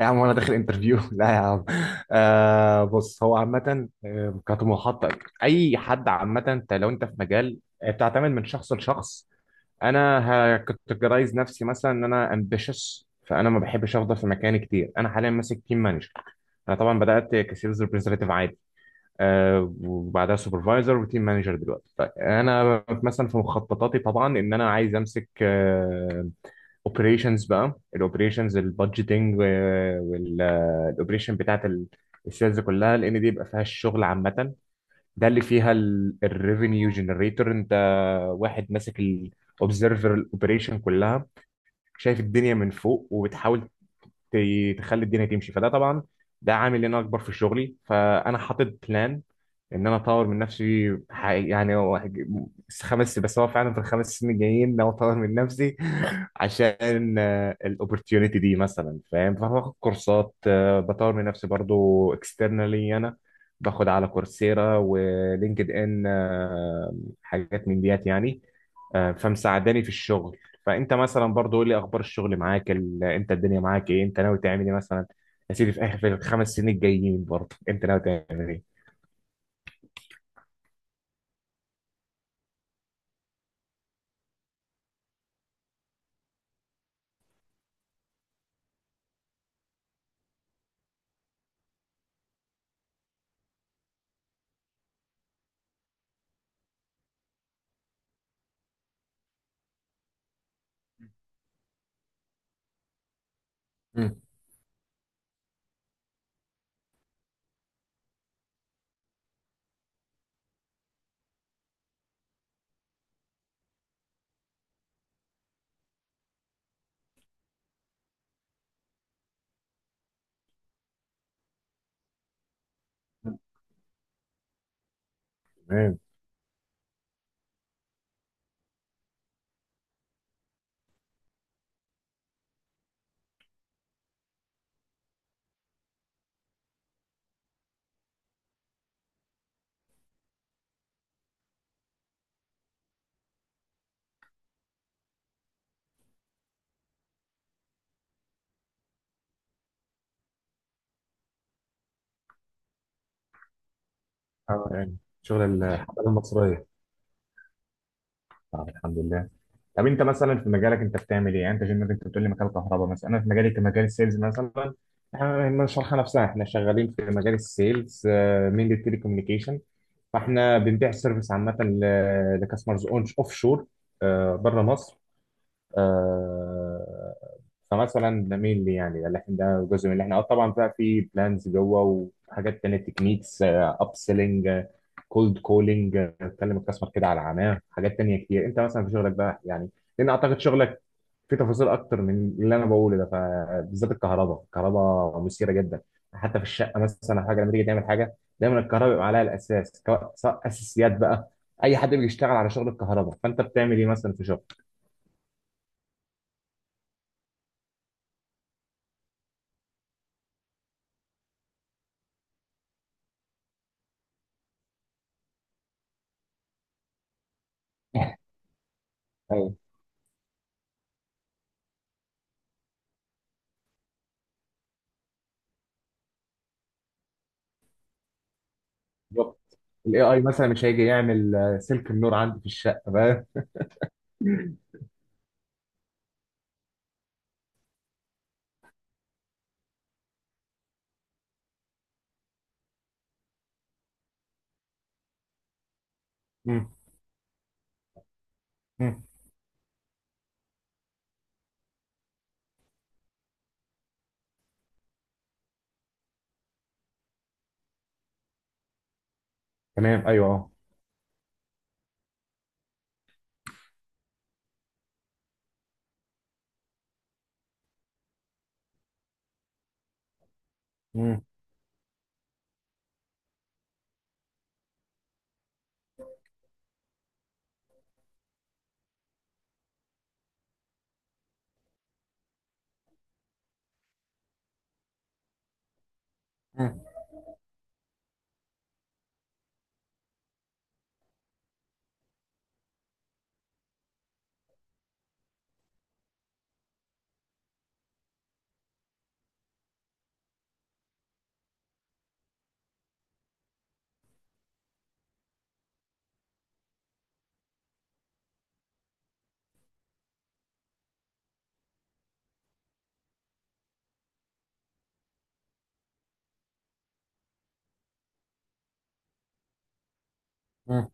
يا عم، وانا داخل انترفيو لا يا عم. بص، هو عامة كطموحات اي حد عامة، انت لو انت في مجال بتعتمد من شخص لشخص. انا هكتجرايز نفسي مثلا ان انا امبيشس، فانا ما بحبش افضل في مكاني كتير. انا حاليا ماسك تيم مانجر. انا طبعا بدات كسيلز ريبريزنتيف عادي، وبعدها سوبرفايزر وتيم مانجر دلوقتي. طيب انا مثلا في مخططاتي طبعا ان انا عايز امسك اوبريشنز بقى، الاوبريشنز البادجيتنج والاوبريشن بتاعت السيلز كلها، لان دي بيبقى فيها الشغل عامه، ده اللي فيها الريفينيو جنريتور. انت واحد ماسك الاوبزرفر الاوبريشن كلها، شايف الدنيا من فوق وبتحاول تخلي الدنيا تمشي، فده طبعا ده عامل ان انا اكبر في شغلي، فانا حاطط بلان ان انا اطور من نفسي. يعني هو خمس، بس هو فعلا في الخمس سنين الجايين إن انا اطور من نفسي عشان الاوبورتيونيتي دي مثلا، فاهم، فباخد كورسات، بطور من نفسي برضو اكسترنالي. انا باخد على كورسيرا ولينكد ان، حاجات من ديات يعني، فمساعداني في الشغل. فانت مثلا برضه قول لي اخبار الشغل معاك، انت الدنيا معاك ايه، انت ناوي تعمل ايه مثلا؟ يا سيدي في اخر، في الخمس سنين الجايين برضه انت ناوي تعمل ايه؟ مم. تمام، يعني شغل الحضاره المصريه. طب الحمد لله. طب انت مثلا في مجالك، انت بتعمل ايه؟ يعني انت جنبك، انت بتقول لي مجال كهرباء، مثلا انا في مجالي كمجال السيلز مثلا، احنا ما نشرحها نفسها، احنا شغالين في مجال السيلز من التلي كوميونيكيشن، فاحنا بنبيع سيرفيس عامه لكاستمرز اون اوف شور، بره مصر. آه، فمثلا نميل لي، يعني ده اللي احنا، ده جزء من اللي احنا طبعا بقى، في بلانز جوه وحاجات تانية، تكنيكس اب سيلينج، كولد كولينج، تكلم الكاستمر كده على عماه، حاجات تانية كتير. انت مثلا في شغلك بقى يعني، لان اعتقد شغلك في تفاصيل اكتر من اللي انا بقوله ده، فبالذات الكهرباء. الكهرباء مثيره جدا، حتى في الشقه مثلا حاجه، لما تيجي تعمل حاجه دايما الكهرباء بيبقى عليها الاساس، سواء سواء اساسيات بقى. اي حد بيشتغل على شغل الكهرباء، فانت بتعمل ايه مثلا في شغل؟ ايوه. الاي اي مثلا مش هيجي يعمل سلك النور عندي في الشقه بقى. مم. مم. تمام، ايوه، اه. مم. مم. مم.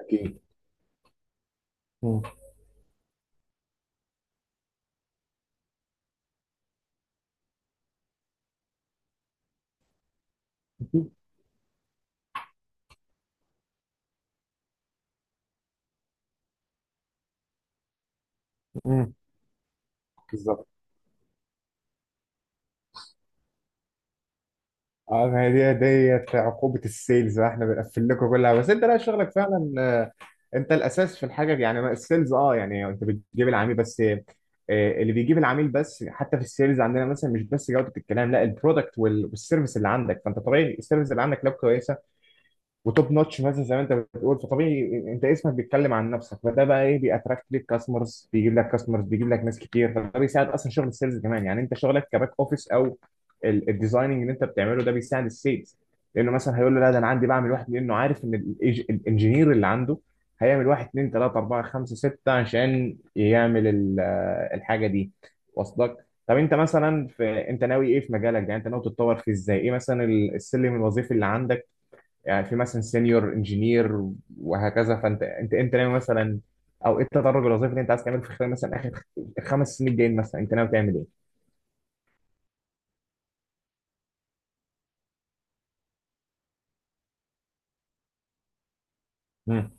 اكيد. مم. مم. بالظبط. اه، ما هي دي ديت عقوبه السيلز بقى، احنا بنقفل لكم كلها، بس انت لا، شغلك فعلا انت الاساس في الحاجه دي، يعني السيلز، يعني انت بتجيب العميل بس، اللي بيجيب العميل بس. حتى في السيلز عندنا مثلا مش بس جوده الكلام، لا، البرودكت والسيرفيس اللي عندك، فانت طبيعي السيرفيس اللي عندك لو كويسه وتوب نوتش، مثلا زي ما انت بتقول، فطبيعي انت اسمك بيتكلم عن نفسك، فده بقى ايه، بيأتراكت ليك كاستمرز، بيجيب لك كاستمرز، بيجيب لك ناس كتير، فده بيساعد اصلا شغل السيلز كمان. يعني انت شغلك كباك اوفيس او الديزايننج اللي انت بتعمله ده، بيساعد السيلز، لانه مثلا هيقول له لا، ده انا عندي بعمل واحد، لانه عارف ان الانجينير اللي عنده هيعمل واحد اتنين تلاته اربعه خمسه سته عشان يعمل الحاجه دي. واصلك؟ طب انت مثلا انت ناوي ايه في مجالك ده؟ يعني انت ناوي تتطور فيه ازاي؟ ايه مثلا السلم الوظيفي اللي عندك؟ يعني في مثلا سينيور انجينير وهكذا، فانت انت انت ناوي مثلا، او ايه التدرج الوظيفي اللي انت عايز تعمله في خلال مثلا اخر 5 سنين الجايين مثلا؟ انت ناوي تعمل ايه؟ مم.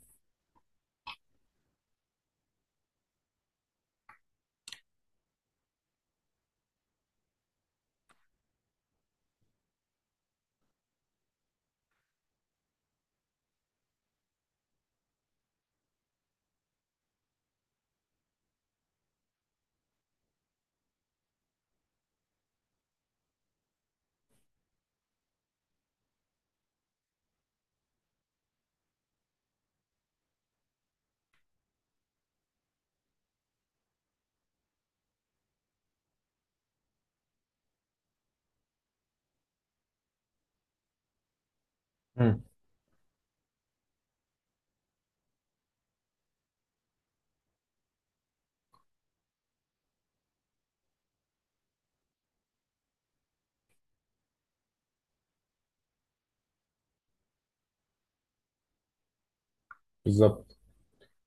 مم. بالظبط.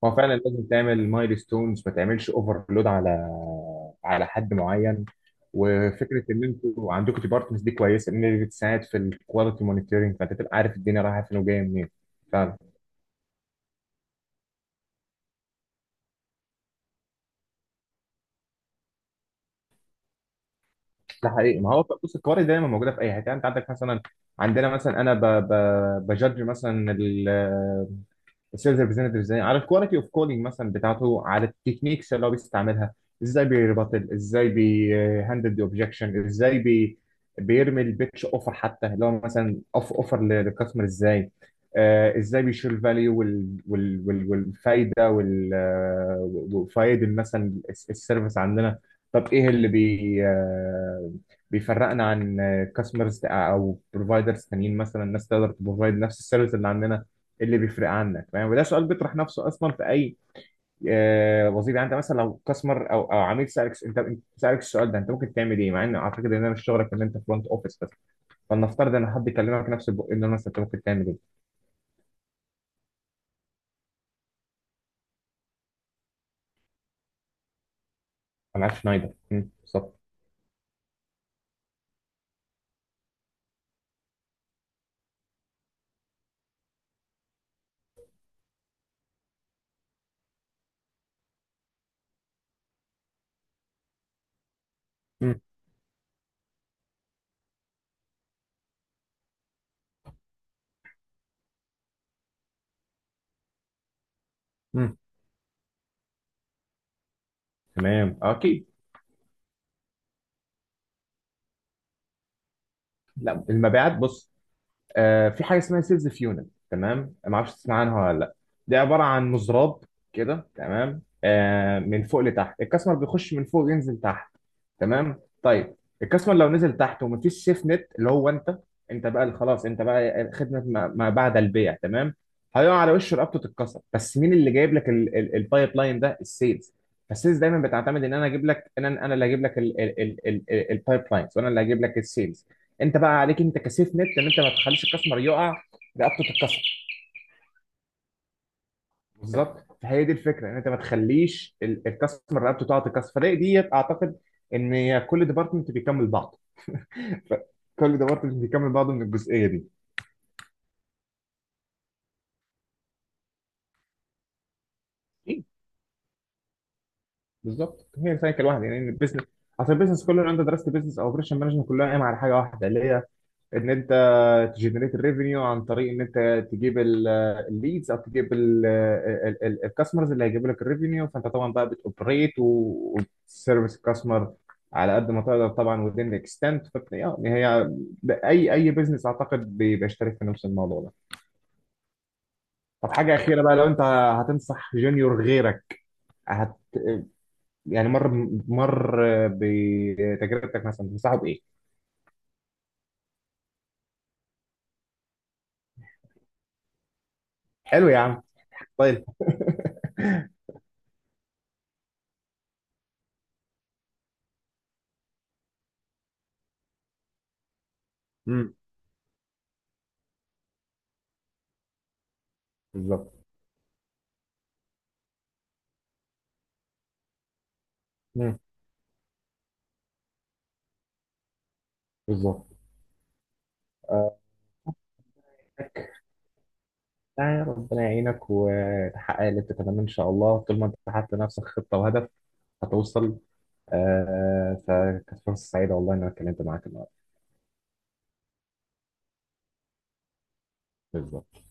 هو فعلا لازم تعمل مايل ستونز، ما تعملش اوفرلود على حد معين. وفكره ان انتوا عندكم ديبارتمنتس دي كويسه، ان هي بتساعد في الكواليتي مونيتورنج، فانت تبقى عارف الدنيا رايحه فين وجايه منين. ده حقيقي، ما هو بص القوارض دايما موجوده في اي حته. يعني انت عندك مثلا، عندنا مثلا، انا بجدج مثلا السيلز ريبريزنتيف ازاي على الكواليتي اوف كولينج مثلا بتاعته، على التكنيكس اللي هو بيستعملها، ازاي بيربطل، ازاي بيهندل دي اوبجكشن، ازاي بيرمي البيتش اوفر، حتى اللي هو مثلا اوفر للكاستمر ازاي، ازاي بيشيل الفاليو، والفايده وال آه، وفايد مثلا السيرفيس عندنا. طب ايه اللي بي آه بيفرقنا عن كاستمرز او بروفايدرز تانيين، مثلا الناس تقدر تبروفايد نفس السيرفيس اللي عندنا، اللي بيفرق عنك فاهم. وده سؤال بيطرح نفسه اصلا في اي وظيفه. يعني انت مثلا لو كاستمر او عميل سالك انت سالك السؤال ده، انت ممكن تعمل ايه، مع ان اعتقد ان انا مش شغلك، ان انت فرونت اوفيس بس؟ فلنفترض ان حد كلمك نفس البق، ان مثلا انت ممكن تعمل ايه؟ انا عارف شنايدر، مم، بالظبط. مم. مم. تمام، اكيد. لا، المبيعات بص، في حاجه اسمها سيلز فيونت، تمام؟ ما اعرفش تسمع عنها ولا لا. دي عباره عن مزراب كده، تمام، من فوق لتحت، الكاستمر بيخش من فوق ينزل تحت. تمام، طيب. الكاستمر لو نزل تحت ومفيش سيف نت، اللي هو انت، انت بقى اللي خلاص، انت بقى خدمه ما بعد البيع، تمام. هيقع على وشه، رقبته تتكسر. بس مين اللي جايب لك البايب لاين ده؟ السيلز. فالسيلز دايما بتعتمد ان انا اجيب لك، ان انا اللي هجيب لك البايب لاينز، وانا اللي هجيب لك السيلز. انت بقى عليك انت كسيف نت، ان انت ما تخليش الكاستمر يقع رقبته تتكسر. بالظبط، فهي دي الفكره، ان انت ما تخليش الكاستمر رقبته تقع تتكسر. فدي ديت اعتقد ان كل ديبارتمنت بيكمل بعض، ف- كل ديبارتمنت بيكمل بعضه من الجزئيه دي. ايه، بالظبط، هي سايكل واحده يعني البيزنس، عشان البيزنس كله لو انت درست بيزنس او اوبريشن مانجمنت كلها قايمه على حاجه واحده، اللي هي ان انت تجنريت الريفينيو عن طريق ان انت تجيب الليدز او تجيب الكاستمرز اللي هيجيبوا لك الريفينيو، فانت طبعا بقى بتوبريت وتسيرفيس الكاستمر على قد ما تقدر طبعا within the extent، يعني هي اي بزنس اعتقد بيبقى شارك في نفس الموضوع ده. طب حاجه اخيره بقى، لو انت هتنصح جونيور غيرك، هت... يعني مر بتجربتك مثلا، تنصحه بايه؟ حلو يا عم. طيب. امم. بالظبط. امم. بالظبط. آه، يعني ربنا يعينك وتحقق اللي بتتمناه ان شاء الله، طول ما انت حاطط لنفسك خطه وهدف هتوصل. فكانت فرصه سعيده والله ان انا اتكلمت معاك النهارده. بالظبط.